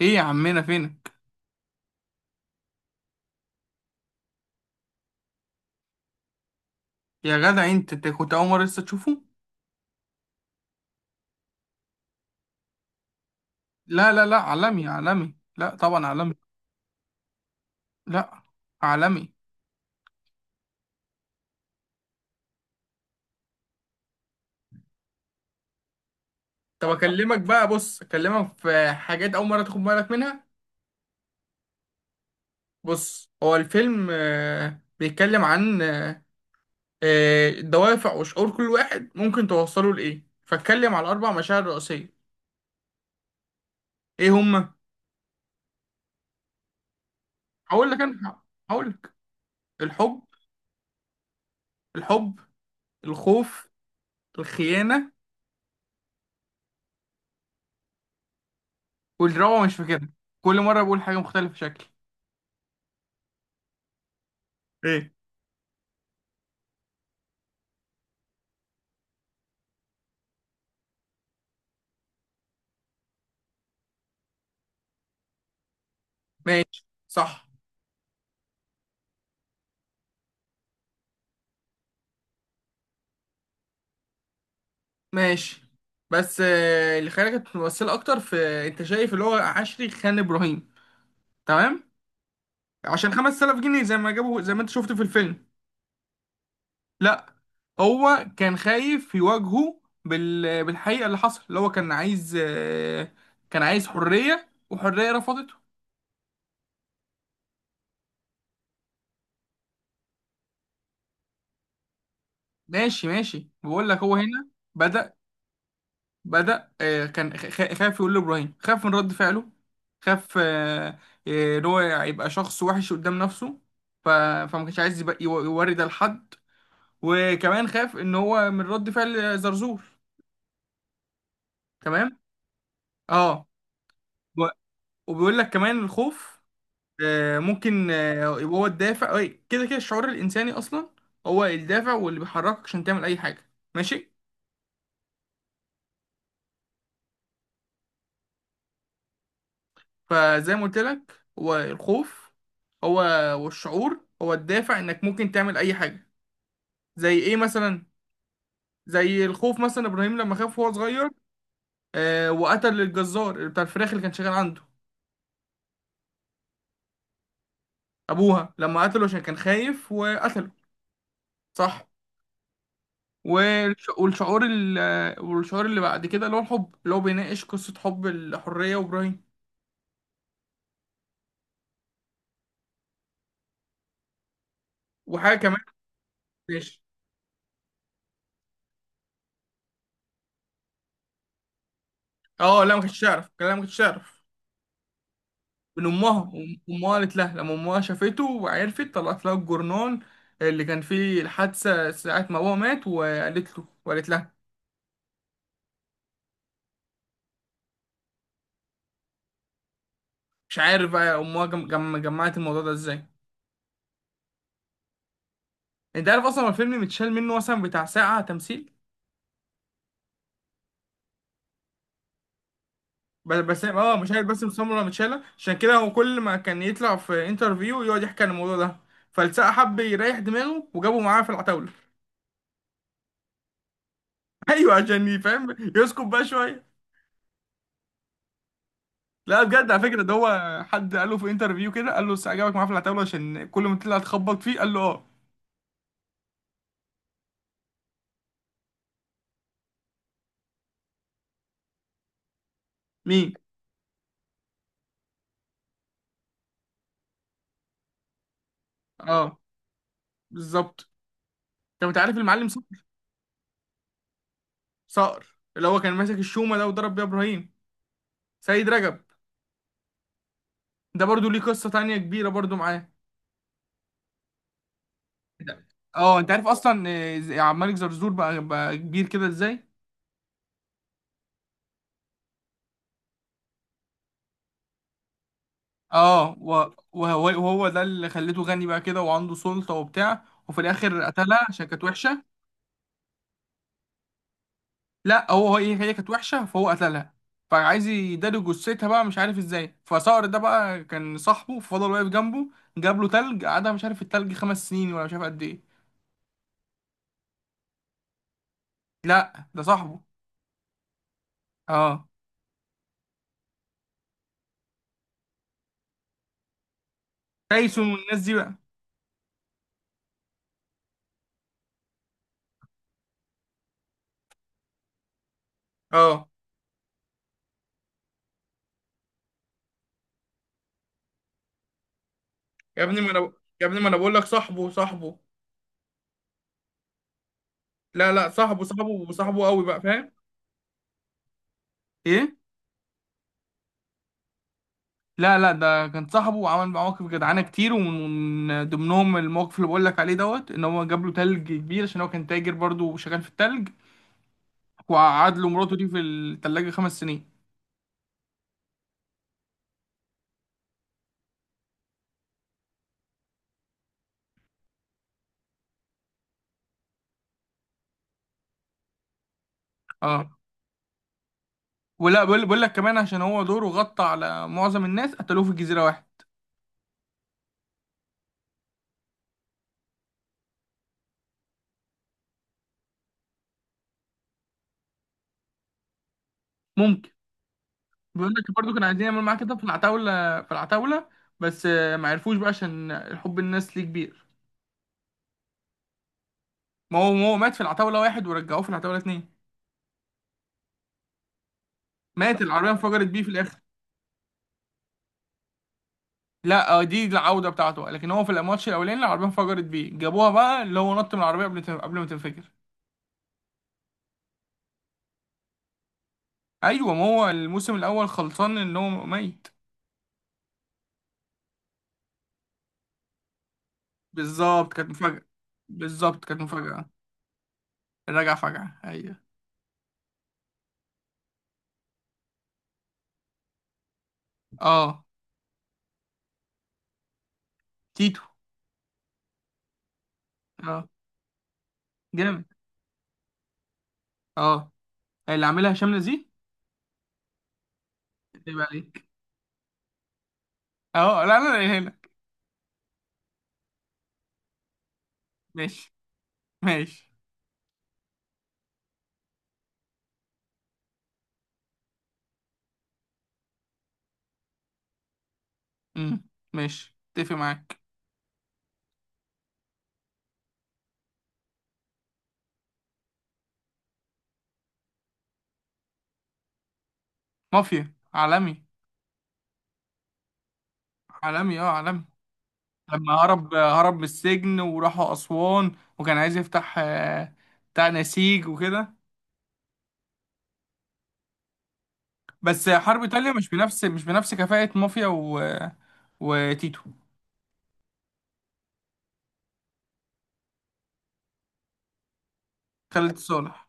ايه يا عمنا فينك؟ يا جدع انت كنت اول مره لسه تشوفه. لا لا لا، عالمي عالمي، لا طبعا عالمي. لا، عالمي. طب اكلمك بقى، بص اكلمك في حاجات اول مره تاخد بالك منها. بص هو الفيلم بيتكلم عن دوافع وشعور كل واحد ممكن توصله لايه، فاتكلم على اربع مشاعر رئيسيه. ايه هما؟ هقول لك انا هقول لك. الحب. الحب، الخوف، الخيانه. والرابعه مش فاكرها، كل مره بقول حاجه مختلفه شكل. ايه؟ ماشي صح. ماشي. بس اللي خلاني كانت ممثلة أكتر في. أنت شايف اللي هو عشري خان إبراهيم؟ تمام. عشان 5000 جنيه زي ما جابوا زي ما أنت شفت في الفيلم. لا، هو كان خايف يواجهه بالحقيقة اللي حصل، اللي هو كان عايز كان عايز حرية وحرية رفضته. ماشي ماشي، بقول لك هو هنا بدأ بدأ. كان خاف يقول لإبراهيم، خاف من رد فعله. خاف إن هو يبقى شخص وحش قدام نفسه. فما كانش عايز يوري ده لحد. وكمان خاف إن هو من رد فعل زرزور. تمام. اه، و- وبيقول لك كمان الخوف ممكن يبقى هو الدافع أي، كده كده الشعور الإنساني أصلا هو الدافع، واللي بيحركك عشان تعمل أي حاجة. ماشي. فزي ما قلت لك، هو الخوف هو، والشعور هو الدافع انك ممكن تعمل اي حاجه. زي ايه مثلا؟ زي الخوف مثلا، ابراهيم لما خاف وهو صغير وقتل الجزار بتاع الفراخ اللي كان شغال عنده. ابوها، لما قتله عشان كان خايف وقتله. صح. والشعور والشعور اللي بعد كده اللي هو الحب، اللي هو بيناقش قصه حب الحريه وابراهيم. وحاجه كمان. ماشي. اه، لا ما كنتش اعرف، لا ما كنتش اعرف. من امها، امها قالت لها، لما امها شافته وعرفت طلعت لها الجورنال اللي كان فيه الحادثه ساعه ما بابا مات، وقالت له وقالت لها. مش عارف بقى امها جمعت الموضوع ده ازاي. انت عارف اصلا الفيلم متشال منه مثلا بتاع ساعه تمثيل. بس بس اه مش عارف، بس سمرة متشالة عشان كده هو كل ما كان يطلع في انترفيو يقعد يحكي عن الموضوع ده، فالسقا حب يريح دماغه وجابه معاه في العتاولة. ايوه، عشان يفهم يسكت بقى شوية. لا بجد، على فكرة ده هو حد قال له في انترفيو كده، قال له بس عجبك معاه في العتاولة عشان كل ما تطلع تخبط فيه، قال له اه. مين؟ اه، بالظبط. طب انت عارف المعلم صقر؟ صقر اللي هو كان ماسك الشومة ده وضرب بيها ابراهيم. سيد رجب. ده برضو ليه قصة تانية كبيرة برضو معاه. اه، انت عارف اصلا عبد الملك زرزور بقى كبير كده ازاي؟ اه، وهو ده اللي خليته غني بقى كده، وعنده سلطة وبتاع، وفي الاخر قتلها عشان كانت وحشة. لا، هو ايه، هي كانت وحشه فهو قتلها، فعايز يداري جثتها بقى مش عارف ازاي، فصقر ده بقى كان صاحبه فضل واقف جنبه، جاب له تلج قعدها مش عارف التلج خمس سنين ولا مش عارف قد ايه. لا ده صاحبه. اه، تايسون والناس دي بقى. اه، يا ابني ما انا ب- يا ابني ما انا بقول لك صاحبه صاحبه. لا لا، صاحبه صاحبه صاحبه قوي بقى فاهم. ايه؟ لا لا، ده كان صاحبه وعمل معاه مواقف جدعانه كتير، ومن ضمنهم الموقف اللي بقول لك عليه دوت، ان هو جاب له تلج كبير عشان هو كان تاجر برضه وشغال في التلج، وقعد له مراته دي في التلاجة خمس سنين. اه، ولا بقول لك كمان عشان هو دوره غطى على معظم الناس، قتلوه في جزيرة واحد. ممكن. بيقول لك برضه كانوا عايزين يعملوا معاه كده في العتاولة، بس ما عرفوش بقى عشان حب الناس ليه كبير. ما هو مات في العتاولة واحد ورجعوه في العتاولة اتنين. مات، العربية انفجرت بيه في الآخر. لا دي العودة بتاعته، لكن هو في الماتش الأولاني العربية انفجرت بيه جابوها بقى اللي هو نط من العربية قبل ما تنفجر. ايوه، ما هو الموسم الاول خلصان ان هو ميت. بالظبط، كانت مفاجأة. بالظبط، كانت مفاجأة. الرجعة فجعة، أيوه. اه، تيتو. اه. جامد. اه. اللي عاملها هشام نزيه. اللي عليك. اه لا لا لا، هنا. ماشي. ماشي. امم، ماشي اتفق معاك. مافيا، عالمي. عالمي، اه عالمي. لما هرب، من السجن وراحوا أسوان، وكان عايز يفتح بتاع نسيج وكده. بس حرب إيطاليا مش بنفس كفاءة مافيا وتيتو خالد صالح.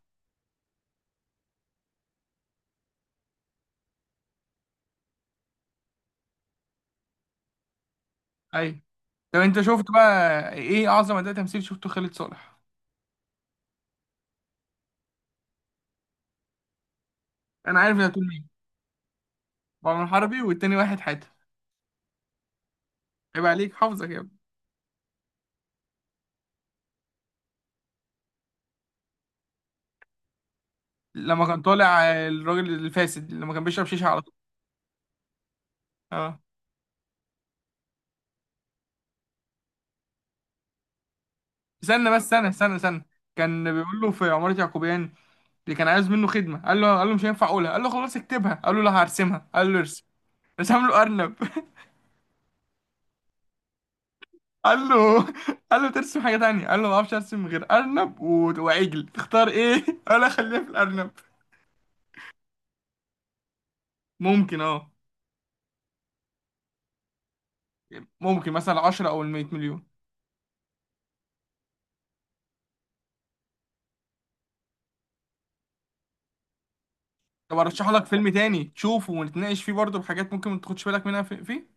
أيوه. طب انت شفت بقى ايه اعظم اداء تمثيل شفته؟ خالد صالح. انا عارف انت هتقول مين. عمر حربي، والتاني واحد حاتم. عيب عليك حافظك يا ابني. لما كان طالع الراجل الفاسد، لما كان بيشرب شيشه على طول. اه. استنى بس، استنى استنى استنى. كان بيقول له في عمارة يعقوبيان، اللي كان عايز منه خدمه قال له مش هينفع اقولها، قال له خلاص اكتبها، قال له لا هرسمها، قال له ارسم. رسم له ارنب قال له، قال له ترسم حاجه تانية، قال له ما اعرفش ارسم غير ارنب وعجل تختار ايه قال له خليها في الارنب. ممكن اه. مثلا 10 او ال 100 مليون. طب ارشح لك فيلم تاني تشوفه ونتناقش فيه برضه بحاجات ممكن ما تاخدش بالك منها فيه.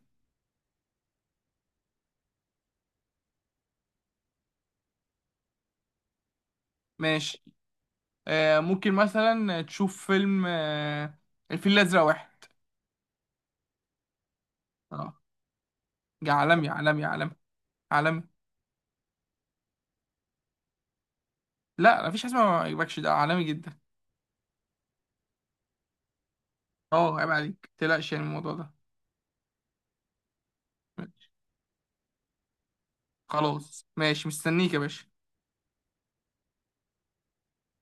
ماشي. آه، ممكن مثلا تشوف فيلم الفيل الازرق واحد. اه. ده عالمي عالمي عالمي. عالمي. لا مفيش حاجه اسمها ما يعجبكش، ده عالمي جدا. اه عيب عليك، متقلقش يعني من الموضوع ده. ماشي. خلاص ماشي، مستنيك يا باشا.